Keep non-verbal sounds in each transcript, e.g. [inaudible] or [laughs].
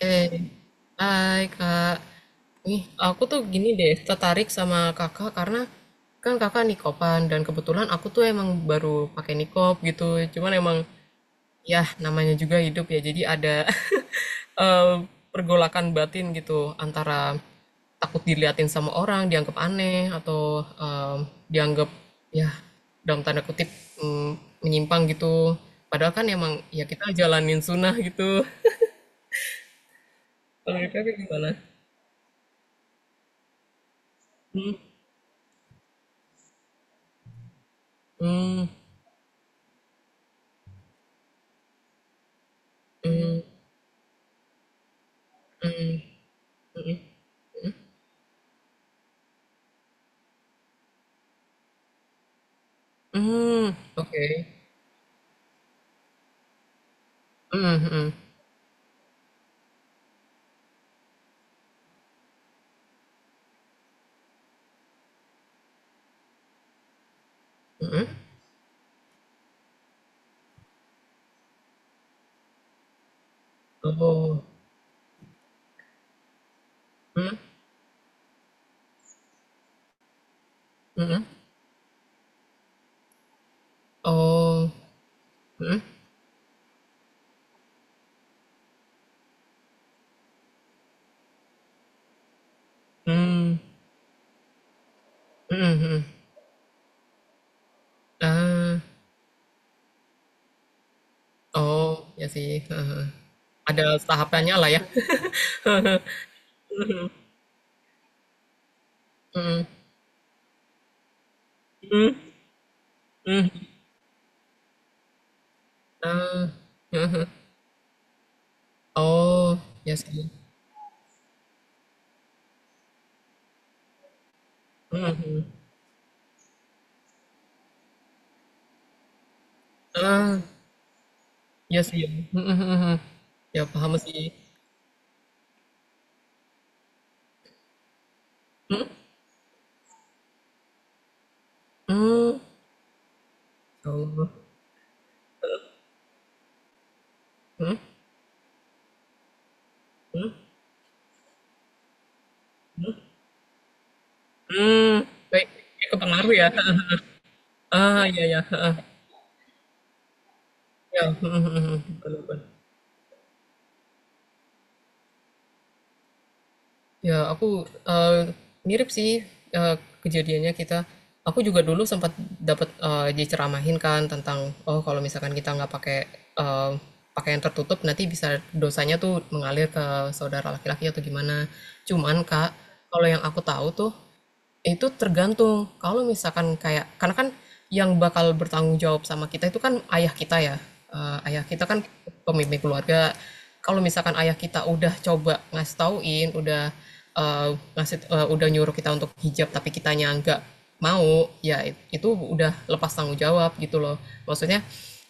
Eh, Hai Kak. Nih, aku tuh gini deh, tertarik sama Kakak karena kan Kakak nikopan dan kebetulan aku tuh emang baru pakai nikop gitu. Cuman emang ya namanya juga hidup ya. Jadi ada [laughs] eh, pergolakan batin gitu antara takut diliatin sama orang, dianggap aneh atau dianggap ya dalam tanda kutip mm, menyimpang gitu. Padahal kan emang ya kita jalanin sunnah gitu. [laughs] Kalau Kakak gimana? Mmm, mmm, okay. Mhm mhm, mhm. Oh, mhm, mhm. Oh, mhm, mmm, mhm mhm. Ah, oh, iya sih, [laughs] heeh heeh. Ada tahapannya lah ya. [laughs] Heeh heeh, mhm, ah, heeh heeh. Oh, iya sih. Heeh, iya sih, mhm mhm mhm. Ya paham sih. Mmm, ya Allah, mmm, baik, ya kepengaruh ya, [laughs] heeh heeh. Ah, iya iya, heeh. Ya, mhm mhm mhm, ya, eee, mirip sih, eee, kejadiannya kita. Aku juga dulu sempat dapat diceramahin kan tentang, oh, kalau misalkan kita nggak pakai, eee, pakaian tertutup nanti bisa dosanya tuh mengalir ke saudara laki-laki atau gimana. Cuman Kak, kalau yang aku tahu tuh itu tergantung, kalau misalkan kayak karena kan yang bakal bertanggung jawab sama kita itu kan ayah kita ya, ayah kita kan pemimpin keluarga. Kalau misalkan ayah kita udah coba ngasih tauin, udah, eee, udah nyuruh kita untuk hijab tapi kitanya nggak mau, ya itu udah lepas tanggung jawab gitu loh. Maksudnya,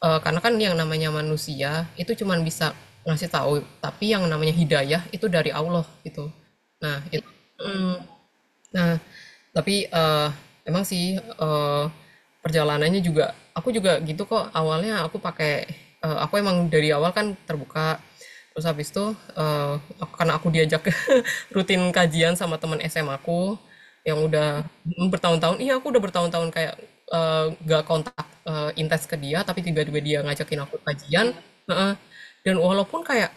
karena kan yang namanya manusia itu cuma bisa ngasih tahu, tapi yang namanya hidayah itu dari Allah gitu. Nah it Mhm. Nah, tapi, eee, emang sih, perjalanannya juga aku juga gitu kok awalnya aku pakai aku emang dari awal kan terbuka, terus habis itu, karena aku diajak [laughs] rutin kajian sama teman SMA aku, yang udah mhm, bertahun-tahun iya aku udah bertahun-tahun kayak, nggak kontak, intens ke dia tapi tiba-tiba dia ngajakin aku kajian. Iya, heeh, dan walaupun kayak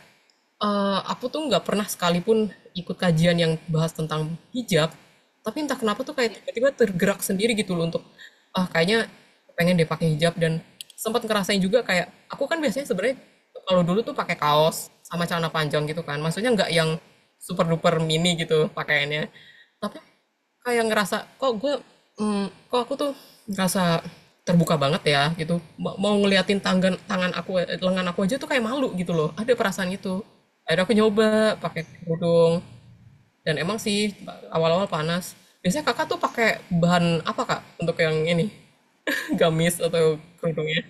Aku tuh nggak pernah sekalipun ikut kajian yang bahas tentang hijab, tapi entah kenapa tuh kayak iya, tiba-tiba tergerak sendiri gitu loh untuk, ah, kayaknya pengen deh pakai hijab dan sempat ngerasain juga kayak aku kan biasanya sebenarnya kalau dulu tuh pakai kaos sama celana panjang gitu kan, maksudnya nggak yang super duper mini gitu pakaiannya, tapi kayak ngerasa, kok gue, mmm, kok aku tuh ngerasa terbuka banget ya gitu, mau ngeliatin tangan tangan aku, lengan aku aja tuh kayak malu gitu loh, ada perasaan itu. Akhirnya aku nyoba pakai kerudung, dan emang sih awal-awal panas. Biasanya Kakak tuh pakai bahan apa, Kak, untuk yang ini, [laughs] gamis atau kerudungnya?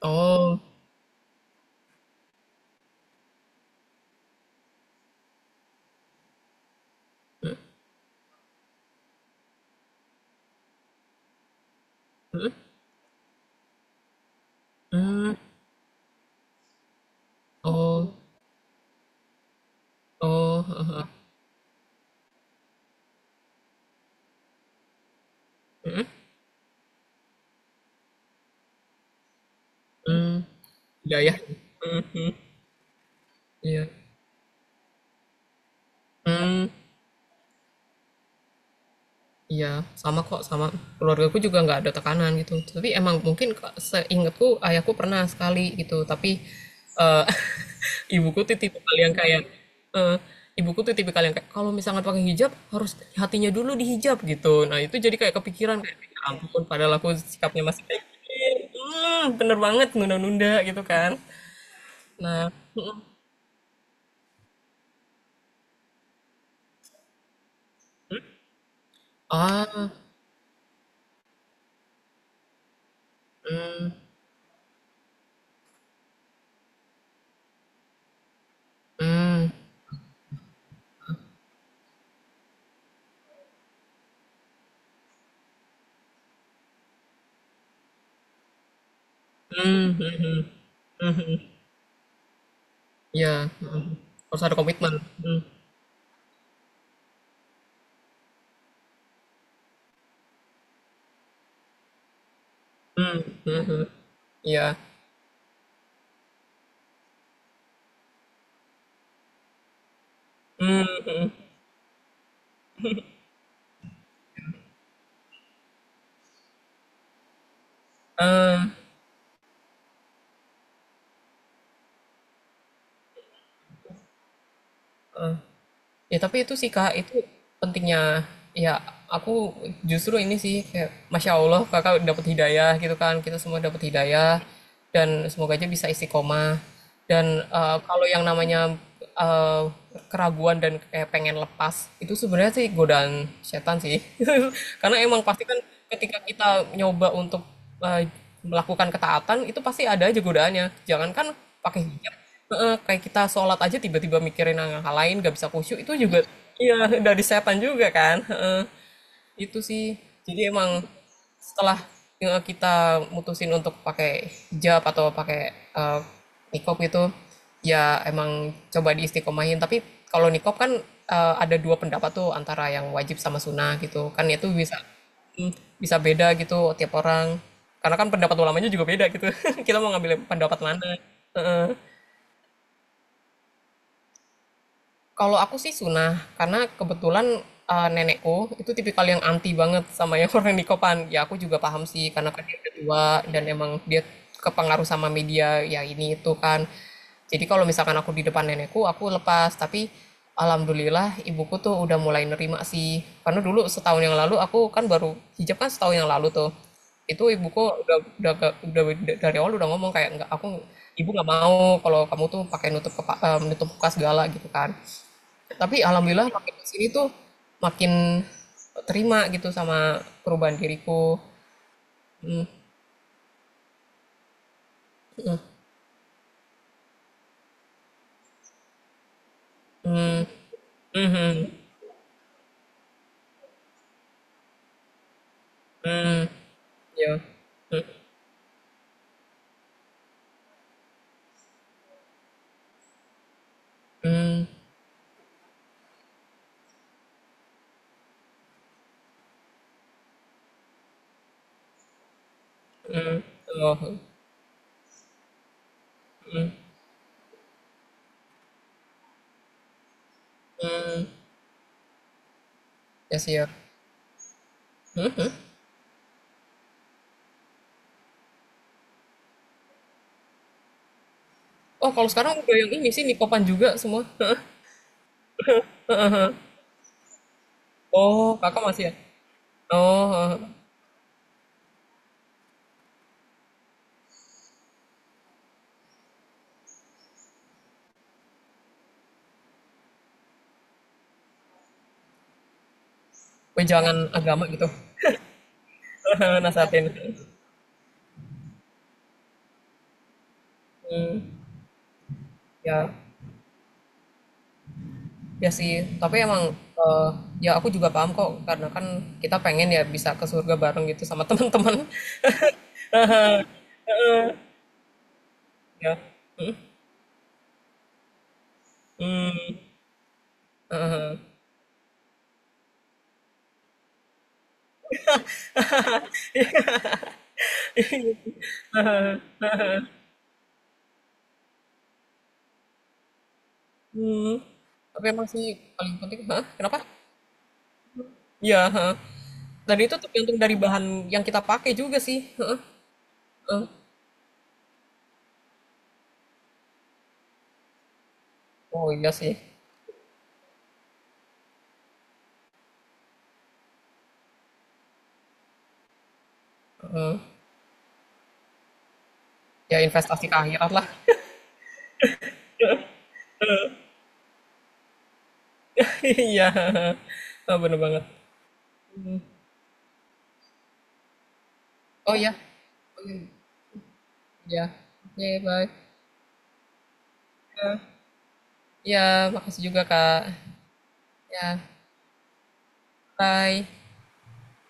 Oh, hmm, oh oh, [laughs] ya ya, iya. Mmm. Iya, sama kok, sama. Keluargaku juga nggak ada tekanan gitu. Tapi emang mungkin ke seingetku ayahku pernah sekali gitu, tapi eee, [laughs] ibuku tuh tipikal yang kayak eee, ibuku tuh tipikal yang kayak, "Kalau misalnya pakai hijab harus hatinya dulu dihijab," gitu. Nah, itu jadi kayak kepikiran kayak, "Ya ampun, padahal aku sikapnya masih kayak gini." Mhm, bener banget, nunda-nunda gitu kan. Nah, mhm. Ah, hmm, ya, harus ada komitmen, mhm, iya. eh, ya tapi itu sih Kak, itu pentingnya ya aku justru ini sih kayak Masya Allah Kakak dapat hidayah gitu kan, kita semua dapat hidayah dan semoga aja bisa istiqomah. Dan kalau yang namanya eh, keraguan dan kayak pengen lepas itu sebenarnya sih godaan setan sih. [laughs] Karena emang pasti kan ketika kita nyoba untuk eh, melakukan ketaatan itu pasti ada aja godaannya. Jangankan pakai hijab, heeh, kayak kita sholat aja tiba-tiba mikirin hal-hal lain, gak bisa khusyuk, itu juga [laughs] iya, dari setan juga kan, heeh. Itu sih, jadi emang setelah, kita mutusin untuk pakai hijab atau pakai, niqab itu, ya emang coba diistiqomahin, tapi kalau niqab kan, ada 2 pendapat tuh antara yang wajib sama sunnah gitu, kan itu bisa mhm, bisa beda gitu tiap orang, karena kan pendapat ulamanya juga beda gitu, [laughs] kita mau ngambil pendapat mana, heeh. Kalau aku sih sunah, karena kebetulan, nenekku itu tipikal yang anti banget sama yang [laughs] orang nikopan. Ya aku juga paham sih, karena kan dia udah tua dan emang dia kepengaruh sama media, ya ini itu kan. Jadi kalau misalkan aku di depan nenekku, aku lepas, tapi alhamdulillah ibuku tuh udah mulai nerima sih. Karena dulu setahun yang lalu aku kan baru hijab kan setahun yang lalu tuh, itu ibuku udah udah dari awal udah ngomong kayak, "Nggak, aku ibu nggak mau kalau kamu tuh pakai menutup muka segala," gitu kan. Tapi alhamdulillah makin kesini tuh makin terima gitu sama perubahan diriku. Ya. Mmm, oh, ya sih ya. Oh, kalau sekarang udah yang ini sih nikopan juga semua. [laughs] Oh, Kakak masih ya? Oh, heeh. Wejangan agama gitu. [laughs] Nasehatin, mhm. Ya, ya sih, tapi emang, eee, ya aku juga paham kok karena kan kita pengen ya bisa ke surga bareng gitu sama teman-teman, [laughs] ya. Hmm, mhm. Tapi emang sih paling penting heeh, kenapa? Iya, heeh. Dan itu tergantung dari bahan yang kita pakai juga sih, heeh. Oh, iya sih. Ya investasi ke akhirat lah. [laughs] Iya, heeh. Oh, bener banget. Oh, iya. Mhm, iya. Oke, bye. Ya, iya, makasih juga, Kak. Ya, bye.